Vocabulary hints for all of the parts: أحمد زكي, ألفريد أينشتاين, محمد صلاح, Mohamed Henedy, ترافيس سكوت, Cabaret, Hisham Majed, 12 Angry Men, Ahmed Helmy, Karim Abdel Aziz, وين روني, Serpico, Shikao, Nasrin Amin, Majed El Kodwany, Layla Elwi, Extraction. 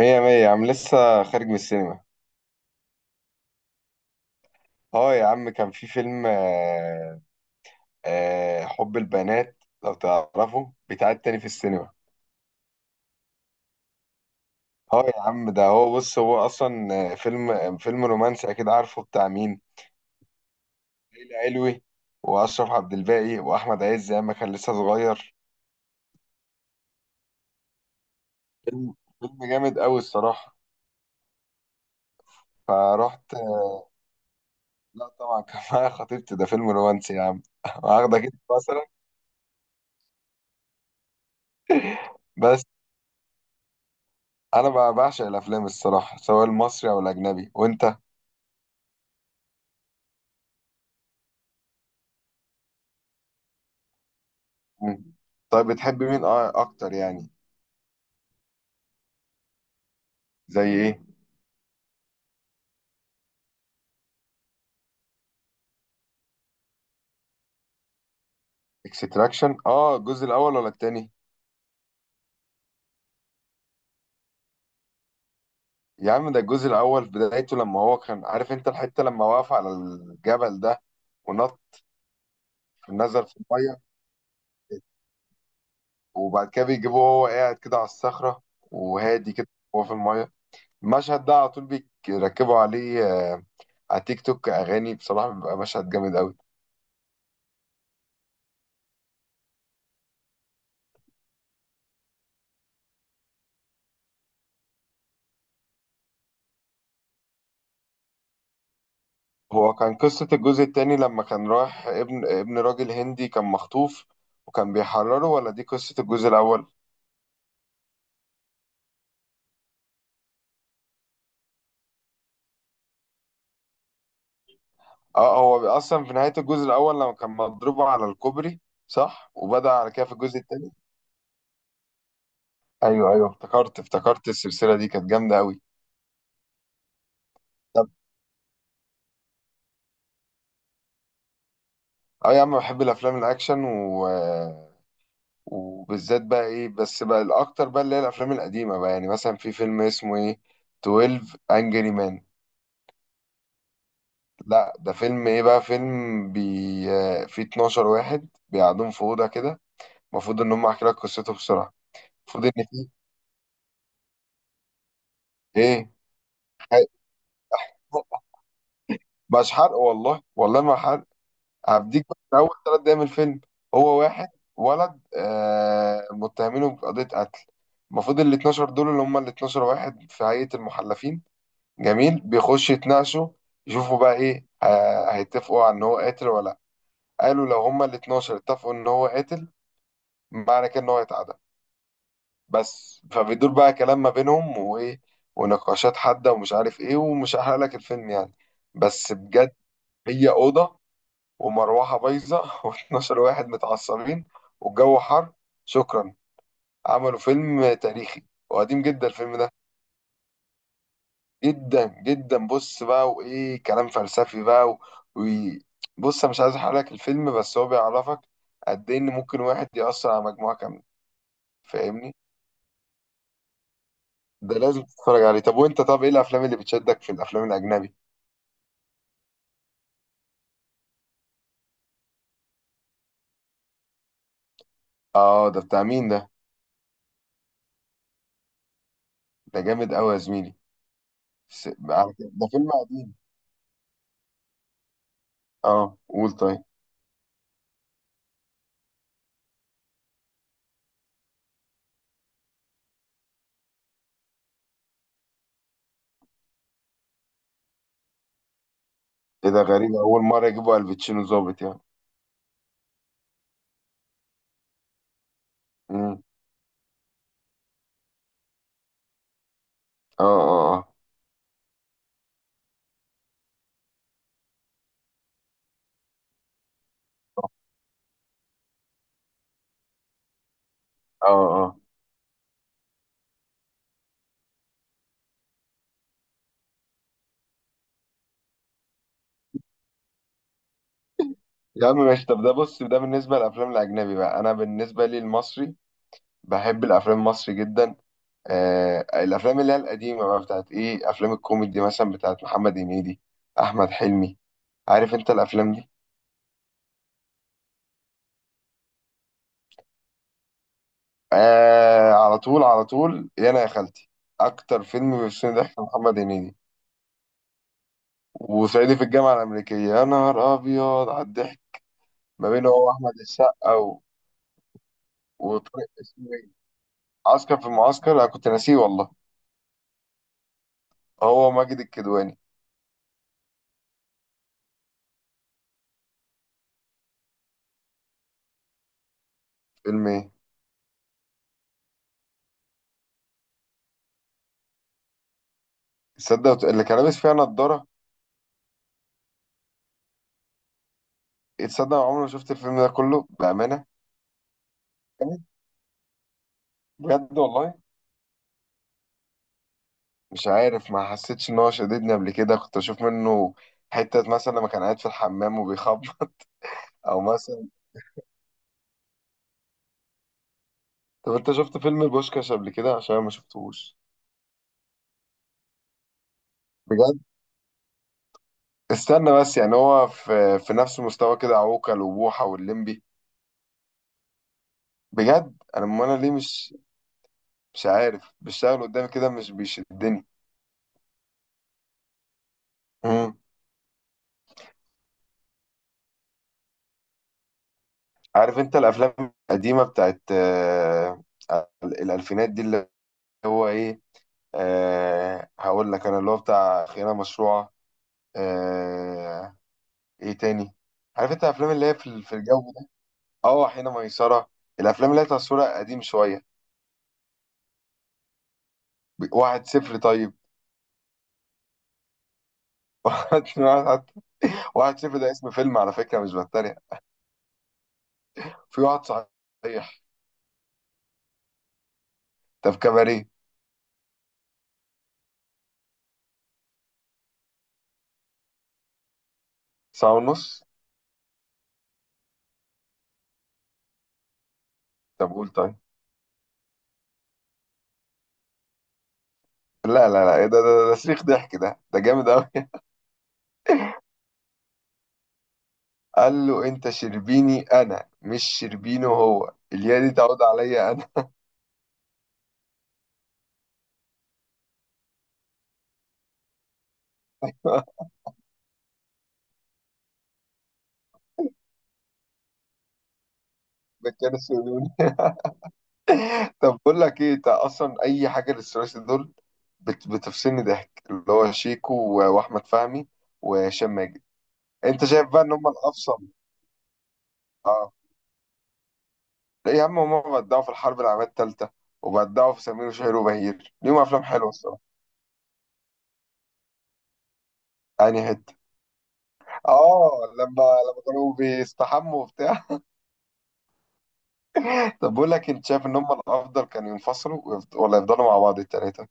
مية مية يا عم، لسه خارج من السينما. اه يا عم، كان في فيلم حب البنات، لو تعرفه بيتعاد تاني في السينما. اه يا عم، ده هو، بص، هو اصلا فيلم رومانسي، اكيد عارفه بتاع مين. ليلى علوي واشرف عبد الباقي واحمد عز ايام ما كان لسه صغير. فيلم فيلم جامد قوي الصراحة. فرحت. لا طبعا كان معايا خطيبتي، ده فيلم رومانسي يا عم واخدك انت مثلا. بس انا بعشق الافلام الصراحة، سواء المصري او الاجنبي، وانت؟ مم. طيب، بتحب مين اكتر يعني؟ زي ايه؟ اكستراكشن؟ اه، الجزء الاول ولا التاني؟ يا عم، ده الجزء الاول في بدايته، لما هو كان عارف انت الحته لما وقف على الجبل ده ونط، نزل في الميه. وبعد كده بيجيبوه وهو قاعد كده على الصخره، وهادي كده وهو في الميه. المشهد ده على طول بيركبوا عليه آه، على تيك توك اغاني، بصراحه بيبقى مشهد جامد قوي. هو كان قصة الجزء التاني لما كان رايح ابن راجل هندي كان مخطوف وكان بيحرره، ولا دي قصة الجزء الأول؟ اه، هو أصلا في نهاية الجزء الأول لما كان مضروب على الكوبري، صح؟ وبدأ على كده في الجزء التاني؟ أيوه أيوه، افتكرت افتكرت، السلسلة دي كانت جامدة أوي. طب اه يا عم، بحب الأفلام الأكشن وبالذات بقى إيه، بس بقى الأكتر بقى اللي هي الأفلام القديمة بقى، يعني مثلا في فيلم اسمه إيه، 12 أنجري مان. لا، ده فيلم ايه بقى، فيلم بي آه، فيه 12 واحد بيقعدون في اوضه كده، المفروض ان هم، احكي لك قصته بسرعه. المفروض ان فيه ايه، ح- مش حرق، والله والله ما حرق، هديك بس اول ثلاث دقايق من الفيلم. هو واحد، ولد متهمينه بقضيه قتل، المفروض ال 12 دول اللي هم ال 12 واحد في هيئه المحلفين، جميل، بيخشوا يتناقشوا يشوفوا بقى ايه، هيتفقوا على ان هو قاتل ولا لا. قالوا لو هم ال 12 اتفقوا ان هو قاتل، معنى كده ان هو هيتعدم. بس فبيدور بقى كلام ما بينهم وايه، ونقاشات حادة ومش عارف ايه، ومش هحرق لك الفيلم يعني، بس بجد. هي أوضة ومروحة بايظة و12 واحد متعصبين والجو حر. شكرا. عملوا فيلم تاريخي، وقديم جدا الفيلم ده. جدا جدا، بص بقى، وايه، كلام فلسفي بقى و... بص، انا مش عايز احرق لك الفيلم، بس هو بيعرفك قد ايه ان ممكن واحد يأثر على مجموعة كاملة. فاهمني؟ ده لازم تتفرج عليه. طب وانت، طب ايه الافلام اللي بتشدك في الافلام الاجنبي؟ اه، ده بتاع مين ده؟ ده جامد قوي يا زميلي. ده فيلم قديم. اه، قول طيب. ايه ده، غريب اول مره يجيبوا الباتشينو ظابط يعني. امم، اه، اه، اه، اه. اه يا عم ماشي. طب، ده بص، ده بالنسبه للافلام الاجنبي. بقى انا بالنسبه لي المصري، بحب الافلام المصري جدا. آه، الافلام اللي هي القديمه بقى بتاعت ايه، افلام الكوميدي مثلا بتاعت محمد هنيدي، احمد حلمي، عارف انت الافلام دي؟ آه، على طول على طول، يا انا يا خالتي. اكتر فيلم بيفصلني ضحك محمد هنيدي، وصعيدي في الجامعه الامريكيه، يا نهار ابيض على الضحك. ما بينه هو احمد السقا وطارق، اسمه ايه، عسكر في المعسكر، انا كنت ناسيه والله. هو ماجد الكدواني. فيلم ايه؟ تصدق اللي كان لابس فيها نضاره، تصدق أنا عمري ما شفت الفيلم ده كله بامانه. بجد والله، مش عارف، ما حسيتش ان هو شددني قبل كده، كنت اشوف منه حتة مثلا لما كان قاعد في الحمام وبيخبط، او مثلا. طب انت شفت فيلم البوشكاش قبل كده؟ عشان أنا ما شفتهوش. بجد، استنى بس، يعني هو في نفس مستوى كده عوكل وبوحة واللمبي؟ بجد. انا أمال انا ليه مش، مش عارف، بيشتغل قدامي كده، مش بيشدني. امم. عارف انت الافلام القديمه بتاعت الالفينات دي، اللي هو ايه، آه هقول لك، انا اللي هو بتاع خيانه مشروعه. آه، ايه تاني، عارف انت الافلام اللي هي في الجو ده، اه حين ميسره، الافلام اللي هي تصويرها قديم شويه. واحد صفر طيب. واحد. واحد صفر ده اسم فيلم على فكرة، مش بتريق. في واحد صحيح. طب كباريه. ساعة ونص. طب قول طيب. لا لا لا، إيه ده صريخ ضحك، ده جامد أوي. قال له أنت شربيني، أنا مش شربينه، هو اليا دي تعود عليا أنا. ده كانوا يقولوني. طب بقول لك إيه، أنت أصلا أي حاجة للثلاثي دول بتفصلني ضحك، اللي هو شيكو، و- وأحمد فهمي وهشام ماجد. أنت شايف بقى إن هم الأفصل؟ آه. يا عم، هما بدعوا في الحرب العالمية التالتة، وبدعوا في سمير وشهير وبهير، ليهم أفلام حلوة الصراحة. يعني حتة، اه، لما كانوا بيستحموا وبتاع. طب بقول لك، انت شايف ان هم الافضل كانوا ينفصلوا ولا يفضلوا مع بعض التلاتة؟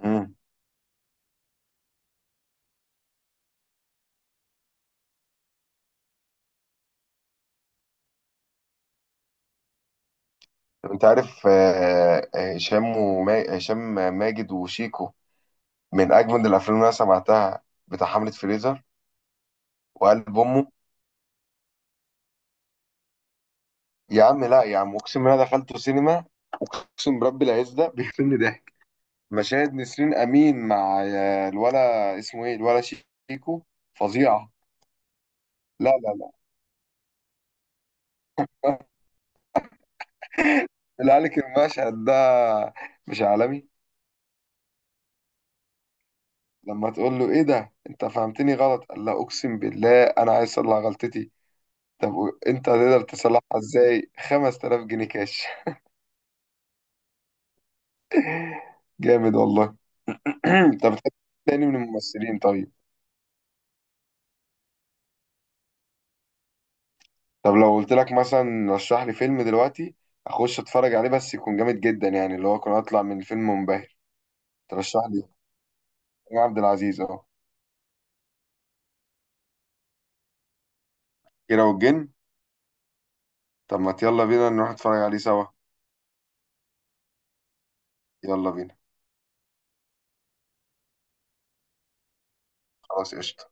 امم. طب انت عارف هشام ماجد وشيكو من اجمد الافلام اللي انا سمعتها، بتاع حملة فريزر وقلب امه. يا عم لا يا عم، اقسم بالله دخلت سينما، اقسم برب العز ده بيقتلني ضحك. مشاهد نسرين امين مع الولا اسمه ايه، الولا، شيكو، فظيعه. لا لا لا. اللي قالك المشهد ده مش عالمي؟ لما تقول له ايه ده انت فهمتني غلط، قال لا اقسم بالله انا عايز اصلح غلطتي. طب انت هتقدر تصلحها ازاي، 5000 جنيه كاش. جامد والله. انت بتحب مين تاني من الممثلين طيب؟ طب لو قلت لك مثلا رشح لي فيلم دلوقتي اخش اتفرج عليه، بس يكون جامد جدا، يعني اللي هو اكون اطلع من الفيلم منبهر، ترشح لي؟ كريم عبد العزيز اهو. كيرة والجن. طب ما يلا بينا نروح نتفرج عليه سوا. يلا بينا. خلاص، قشطة.